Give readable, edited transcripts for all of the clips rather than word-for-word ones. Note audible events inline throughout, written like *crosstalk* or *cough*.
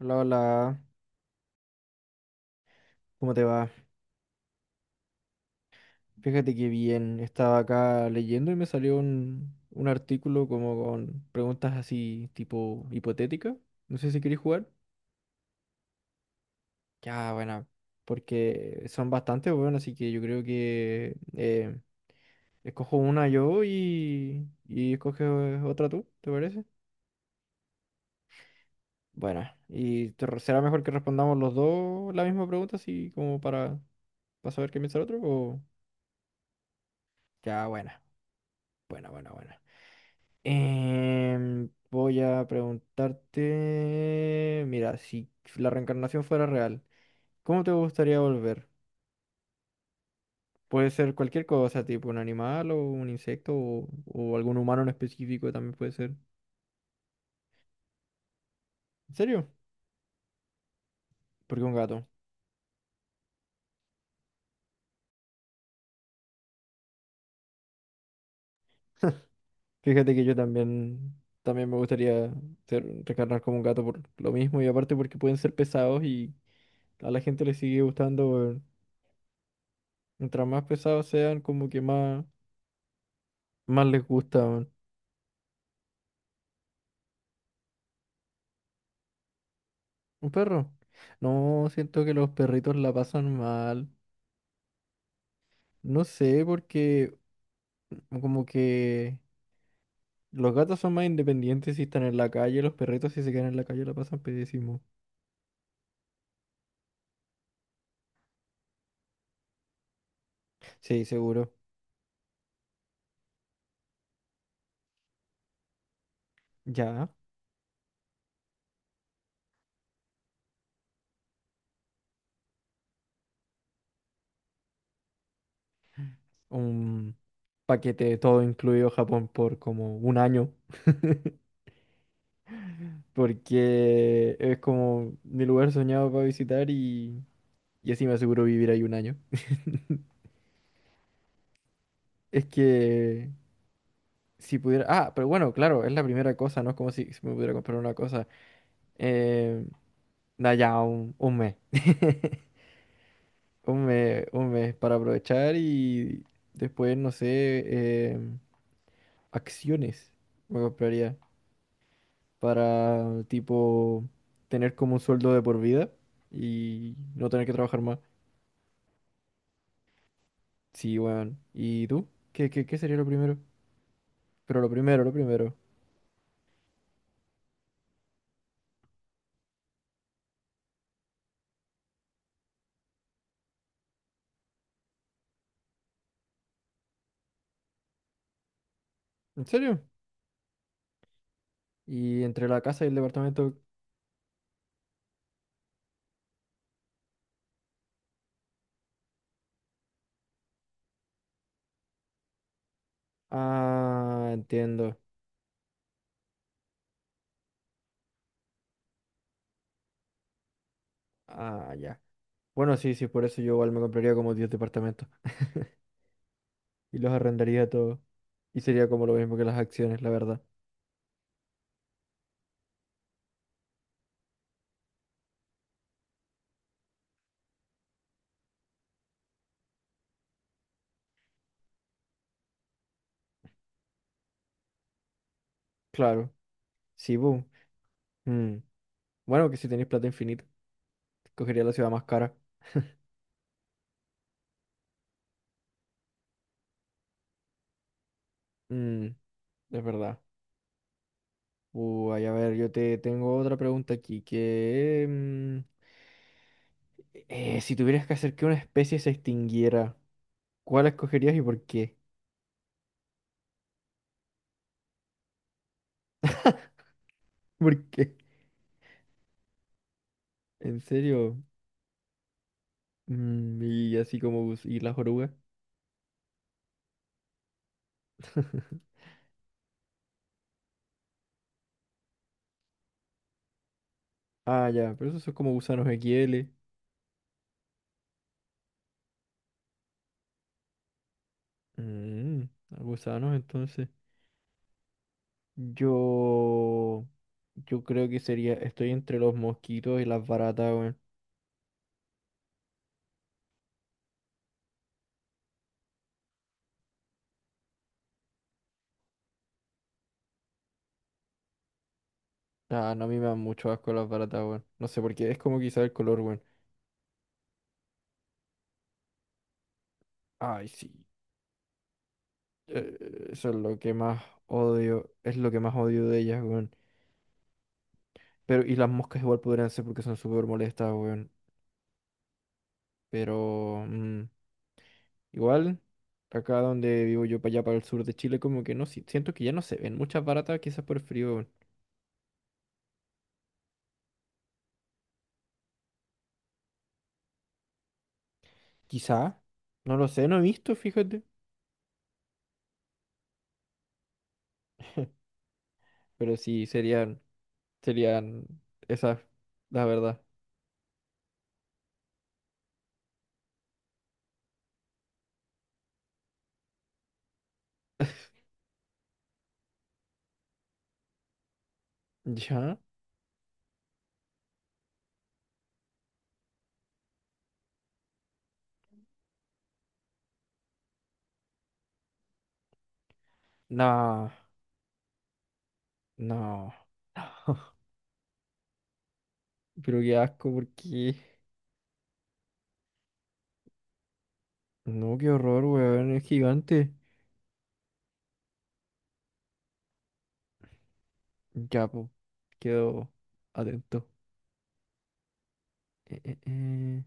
Hola, hola, ¿cómo te va? Fíjate que bien, estaba acá leyendo y me salió un artículo como con preguntas así tipo hipotética. No sé si queréis jugar. Ya, bueno, porque son bastante buenas, así que yo creo que escojo una yo y escoges otra tú, ¿te parece? Bueno, y será mejor que respondamos los dos la misma pregunta, así como para saber qué piensa el otro, o... Ya, buena, buena, buena, buena. Voy a preguntarte, mira, si la reencarnación fuera real, ¿cómo te gustaría volver? Puede ser cualquier cosa, tipo un animal o un insecto o algún humano en específico también puede ser. ¿En serio? Porque un gato. Fíjate que yo también, también me gustaría ser, reencarnar como un gato por lo mismo y aparte porque pueden ser pesados y a la gente le sigue gustando, weón. Mientras más pesados sean, como que más, más les gusta, weón. ¿Un perro? No, siento que los perritos la pasan mal. No sé, porque como que los gatos son más independientes si están en la calle, los perritos si se quedan en la calle la pasan pésimo. Sí, seguro. Ya, un paquete de todo incluido Japón por como un año. *laughs* Porque es como mi lugar soñado para visitar y así me aseguro vivir ahí un año. Es que si pudiera. Ah, pero bueno, claro, es la primera cosa, ¿no? Es como si, si me pudiera comprar una cosa. Eh, da ya un mes. *laughs* Un mes para aprovechar y después, no sé, eh, acciones me compraría para, tipo, tener como un sueldo de por vida y no tener que trabajar más. Sí, weón. ¿Y tú? ¿Qué sería lo primero? Pero lo primero, lo primero. ¿En serio? ¿Y entre la casa y el departamento? Ah, entiendo. Ah, ya. Bueno, sí, sí, por eso yo igual me compraría como 10 departamentos y los arrendaría todos. Y sería como lo mismo que las acciones, la verdad. Claro. Sí, boom. Mm. Bueno, que si tenéis plata infinita, cogería la ciudad más cara. Mm, es verdad. Uy, a ver, yo te tengo otra pregunta aquí, que... si tuvieras que hacer que una especie se extinguiera, ¿cuál escogerías y por qué? *laughs* ¿Por qué? ¿En serio? Mm, y así como... ¿Y las orugas? *laughs* Ah, ya, pero esos son como gusanos XL. Mm, gusanos, entonces. Yo, yo creo que sería, estoy entre los mosquitos y las baratas, weón. Ah, no, a mí me dan mucho asco las baratas, weón. No sé por qué, es como quizá el color, weón. Ay, sí. eh, Eso es lo que más odio, es lo que más odio de ellas, weón. Pero, y las moscas igual podrían ser porque son súper molestas, weón. Pero, mm, igual, acá donde vivo yo, para allá, para el sur de Chile, como que no, siento que ya no se ven muchas baratas, quizás por el frío, weón. Quizá, no lo sé, no he visto, fíjate, pero sí serían, serían esas, la verdad. *laughs* ¿Ya? No, no, no. *laughs* Pero qué asco, porque... No, qué horror, weón, es gigante. Ya, po, quedo atento. Eh, eh, eh.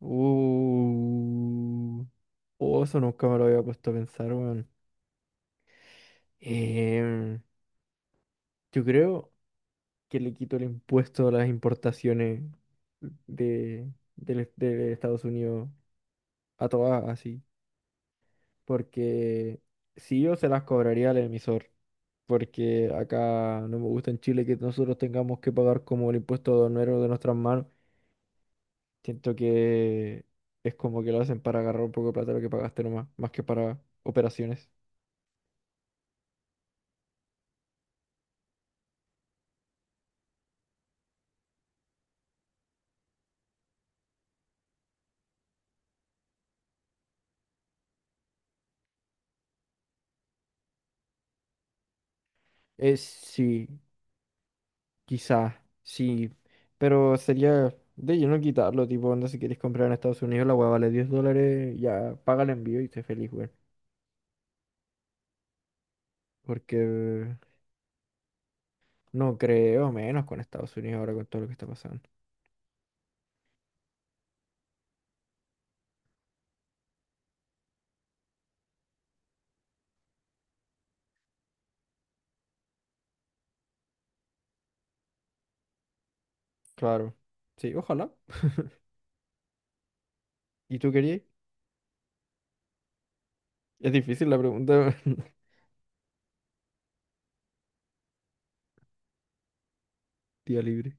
Uh. Oh, eso nunca me lo había puesto a pensar, weón. Em, yo creo. Que le quitó el impuesto a las importaciones de, de Estados Unidos a todas así. Porque si yo se las cobraría al emisor, porque acá no me gusta en Chile que nosotros tengamos que pagar como el impuesto aduanero de nuestras manos. Siento que es como que lo hacen para agarrar un poco de plata lo que pagaste nomás, más que para operaciones. Es sí. Quizás, sí, pero sería de lleno quitarlo, tipo, onda, si quieres comprar en Estados Unidos, la hueá vale 10 dólares, ya paga el envío y esté feliz, güey. Porque no creo, menos con Estados Unidos ahora con todo lo que está pasando. Claro, sí, ojalá. ¿Y tú querías? Es difícil la pregunta, *laughs* día libre.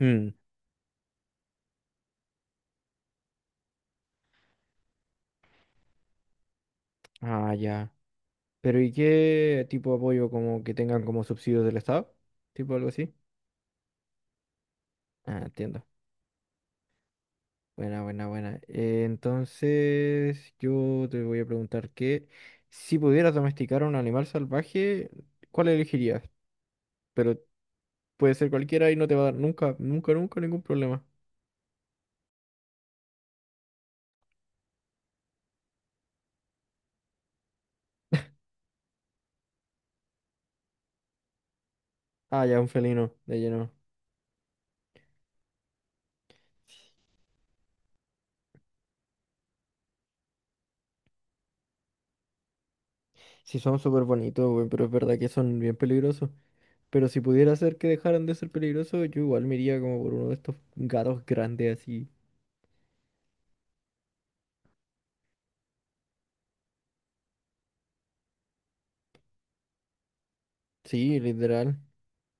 Mm, ah, ya. Pero ¿y qué tipo de apoyo como que tengan como subsidios del Estado? Tipo algo así. Ah, entiendo. Buena, buena, buena. Entonces, yo te voy a preguntar que si pudieras domesticar a un animal salvaje, ¿cuál elegirías? Pero puede ser cualquiera y no te va a dar nunca, nunca, nunca ningún problema. Ah, ya, un felino, de lleno. Sí, son súper bonitos, güey, pero es verdad que son bien peligrosos. Pero si pudiera hacer que dejaran de ser peligrosos, yo igual me iría como por uno de estos gatos grandes así. Sí, literal.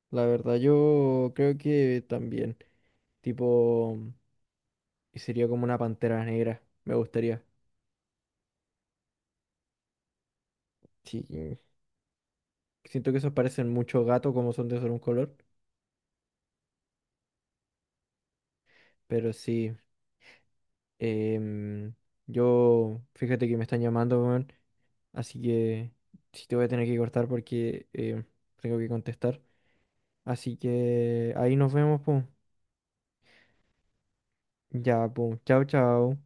La verdad, yo creo que también. Tipo. Y sería como una pantera negra, me gustaría. Sí, siento que esos parecen mucho gato como son de solo un color, pero sí. Em, yo, fíjate que me están llamando, weón, así que sí te voy a tener que cortar porque em, tengo que contestar. Así que ahí nos vemos, pues. Ya, pues. Chao, chao.